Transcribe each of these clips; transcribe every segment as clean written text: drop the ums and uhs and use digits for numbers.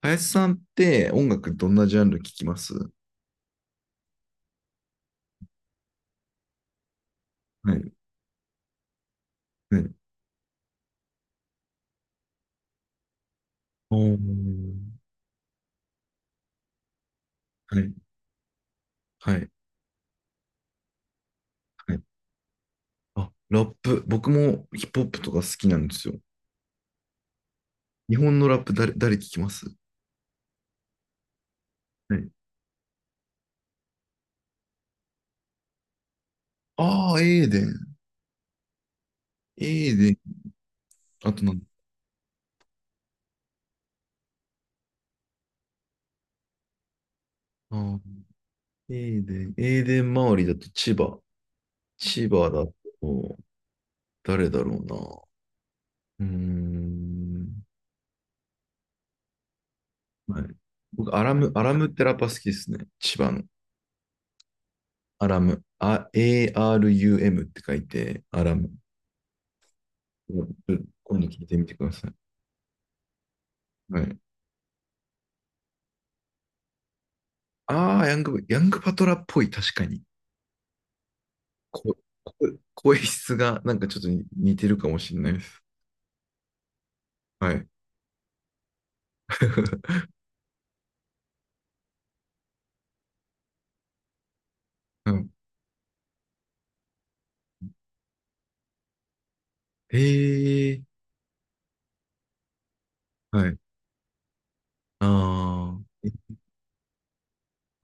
林さんって音楽どんなジャンル聞きます？はい。はい。おー、はい。はい。はい。あ、ラップ。僕もヒップホップとか好きなんですよ。日本のラップ誰、誰聞きます？はい。ああ、エーデン。エーデン。あとなんだ。あー、エーデン。エーデン周りだと千葉。千葉だと、誰だろうな。うーん。はい。僕、アラムってラッパー好きですね。千葉の。アラム、あ、ARUM って書いて、アラム。今度聞いてみてください。はい。ああ、ヤングパトラっぽい、確かに。こ、こ声質がなんかちょっと似てるかもしれないです。はい。うん、へえ、はい。あー、え、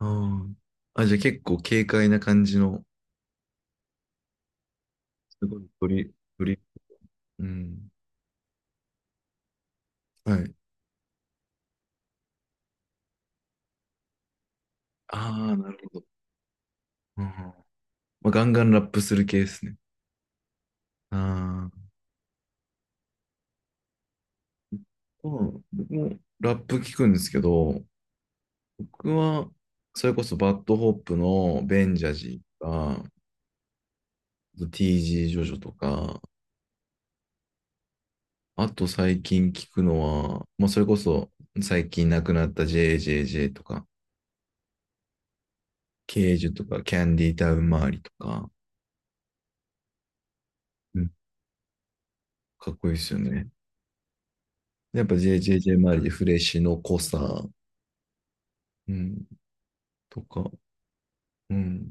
あー。あ、じゃあ結構軽快な感じの、すごいうん。はい。ああ、なるほど。うん、まあ、ガンガンラップする系ですね。ああ。うん、僕もラップ聞くんですけど、僕は、それこそバッドホップのベンジャジーとか、TG ジージョジョとか、あと最近聞くのは、まあ、それこそ最近亡くなった JJJ とか、ケージュとか、キャンディータウン周りとか、うん、かっこいいですよね。やっぱ JJJ 周りでフレッシュの濃さ、うん、とか、うん。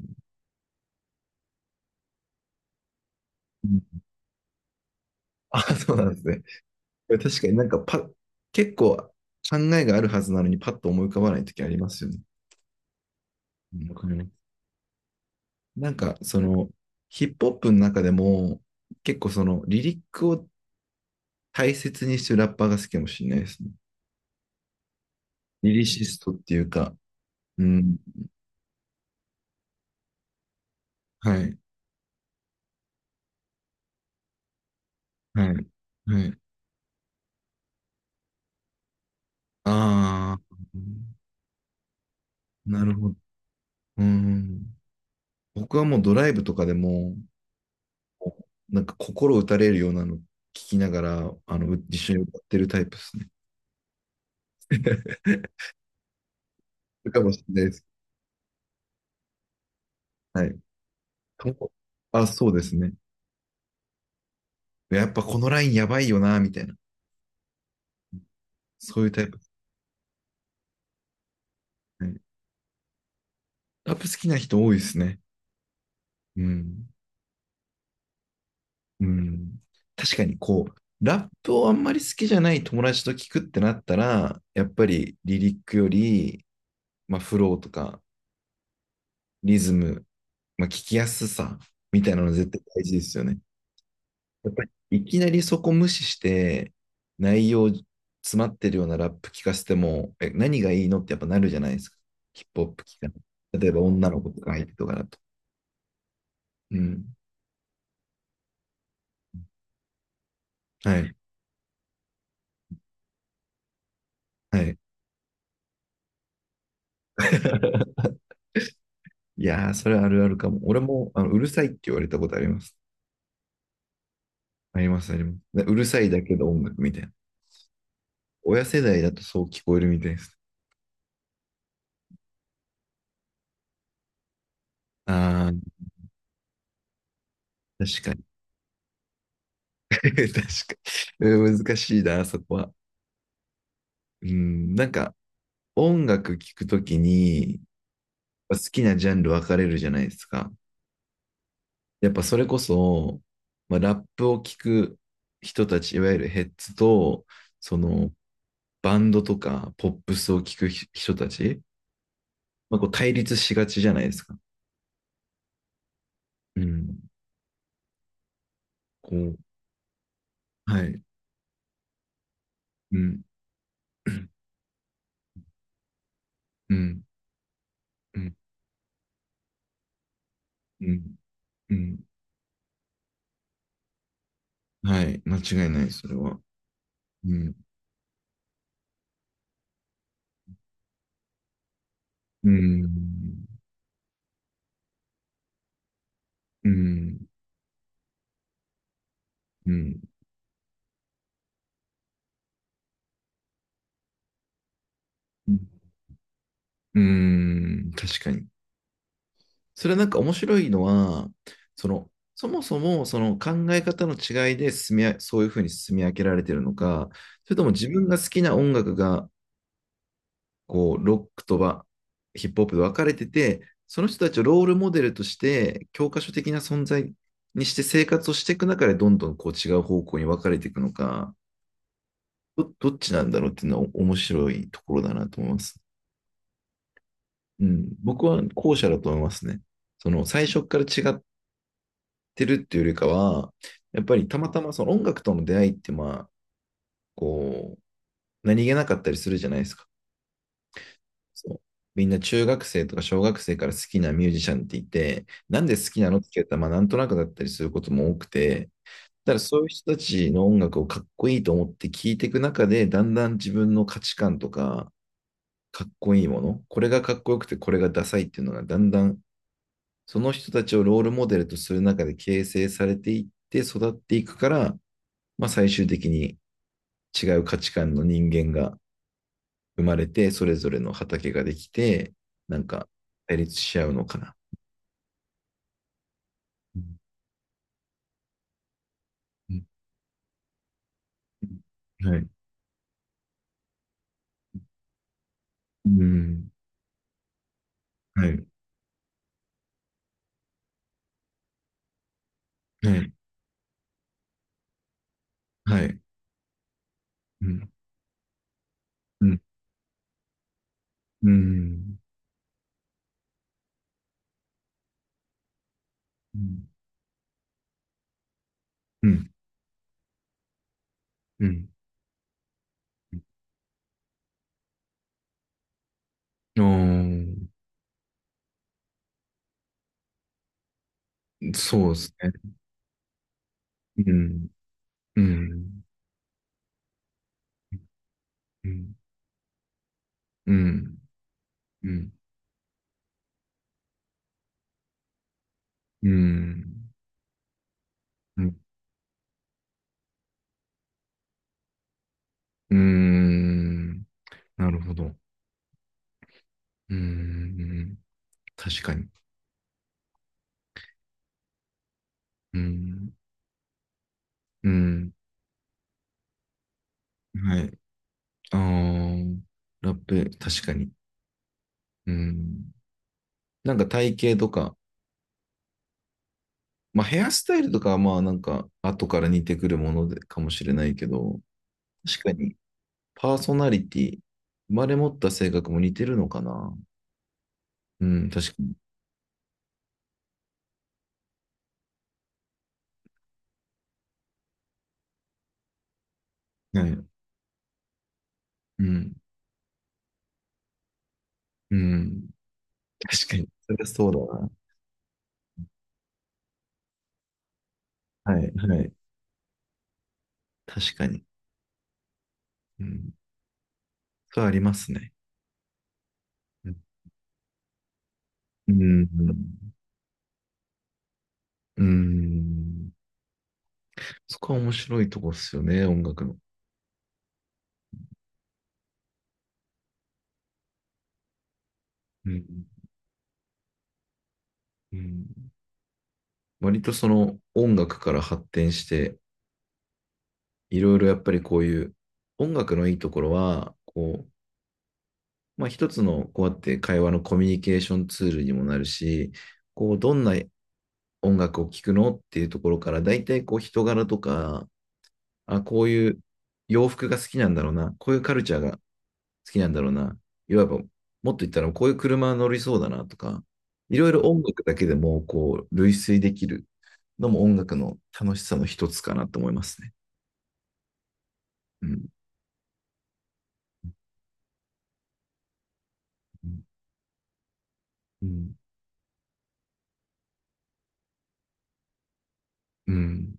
あ、そうなんですね。確かになんかパ、結構考えがあるはずなのにパッと思い浮かばないときありますよね。うん、わかります。なんか、その、ヒップホップの中でも、結構その、リリックを大切にしてるラッパーが好きかもしれないですね。リリシストっていうか、うん。はい、はい、はい。ああ、なるほど。うん。僕はもうドライブとかでも、なんか心打たれるようなの聞きながら、う、一緒に歌ってるタイプですね。るかもしれないです。はい。と、あ、そうですね。やっぱこのラインやばいよな、みたいな。そういうタイプですね。ラップ好きな人多いですね。うん。うん。確かにこう、ラップをあんまり好きじゃない友達と聞くってなったら、やっぱりリリックより、まあ、フローとかリズム、まあ、聞きやすさみたいなの絶対大事ですよね。やっぱりいきなりそこ無視して内容詰まってるようなラップ聞かせても、え、何がいいのってやっぱなるじゃないですか。ヒップホップ聞かない。例えば女の子とか相手とかだと。うん。はい。はい。いやー、それはあるあるかも。俺もうるさいって言われたことあります。あります、あります。で、うるさいだけど音楽みたいな。親世代だとそう聞こえるみたいです。ああ、確かに。確かに。うん、難しいな、そこは。うん、なんか音楽聴くときに、好きなジャンル分かれるじゃないですか。やっぱそれこそ、まあ、ラップを聴く人たち、いわゆるヘッズと、そのバンドとかポップスを聴く人たち、まあ、こう対立しがちじゃないですか。うん。こう、はい。うん。うん。うん。うん。うん。はい。間違いない、それは。うん。うん。うん。うん。うん。うん、確かに。それはなんか面白いのは、その、そもそもその考え方の違いで進み、あ、そういうふうに進み分けられてるのか、それとも自分が好きな音楽が、こう、ロックとはヒップホップで分かれてて、その人たちをロールモデルとして、教科書的な存在にして生活をしていく中で、どんどんこう違う方向に分かれていくのか、どっちなんだろうっていうのは面白いところだなと思います。うん、僕は後者だと思いますね。その最初から違ってるっていうよりかは、やっぱりたまたまその音楽との出会いって、まあ、こう、何気なかったりするじゃないですか。そう、みんな中学生とか小学生から好きなミュージシャンっていて、なんで好きなのって聞いたら、まあ、なんとなくだったりすることも多くて、た、だからそういう人たちの音楽をかっこいいと思って聞いていく中で、だんだん自分の価値観とか、かっこいいもの、これがかっこよくてこれがダサいっていうのが、だんだんその人たちをロールモデルとする中で形成されていって育っていくから、まあ、最終的に違う価値観の人間が生まれて、それぞれの畑ができて、なんか対立し合うのかな。うん、うん、はい。うん。はい。はい。はい。うん。うん。うん。うん。うん。うん、あ、そうですね。うん。うん。うん。うん。うん。うん。うん、うん、なるほど。うん。確かに。うん。うん。はい。あー、ラップ、確かに。うん。なんか体型とか、まあヘアスタイルとかはまあなんか後から似てくるものでかもしれないけど、確かにパーソナリティ、生まれ持った性格も似てるのかな。うん、確かに。はい。うん。うん。確かに。それはそうだな。はい。はい。確かに。うん。それはありますね。うん、うん、うん、そこは面白いとこっすよね、音楽の。うん。うん、割とその音楽から発展して、いろいろやっぱりこういう音楽のいいところは、こう、まあ一つのこうやって会話のコミュニケーションツールにもなるし、こう、どんな音楽を聴くのっていうところから、大体こう人柄とか、あ、こういう洋服が好きなんだろうな、こういうカルチャーが好きなんだろうな、いわばもっと言ったらこういう車乗りそうだなとか、いろいろ音楽だけでもこう類推できるのも音楽の楽しさの一つかなと思いますね。うん、うん。うん。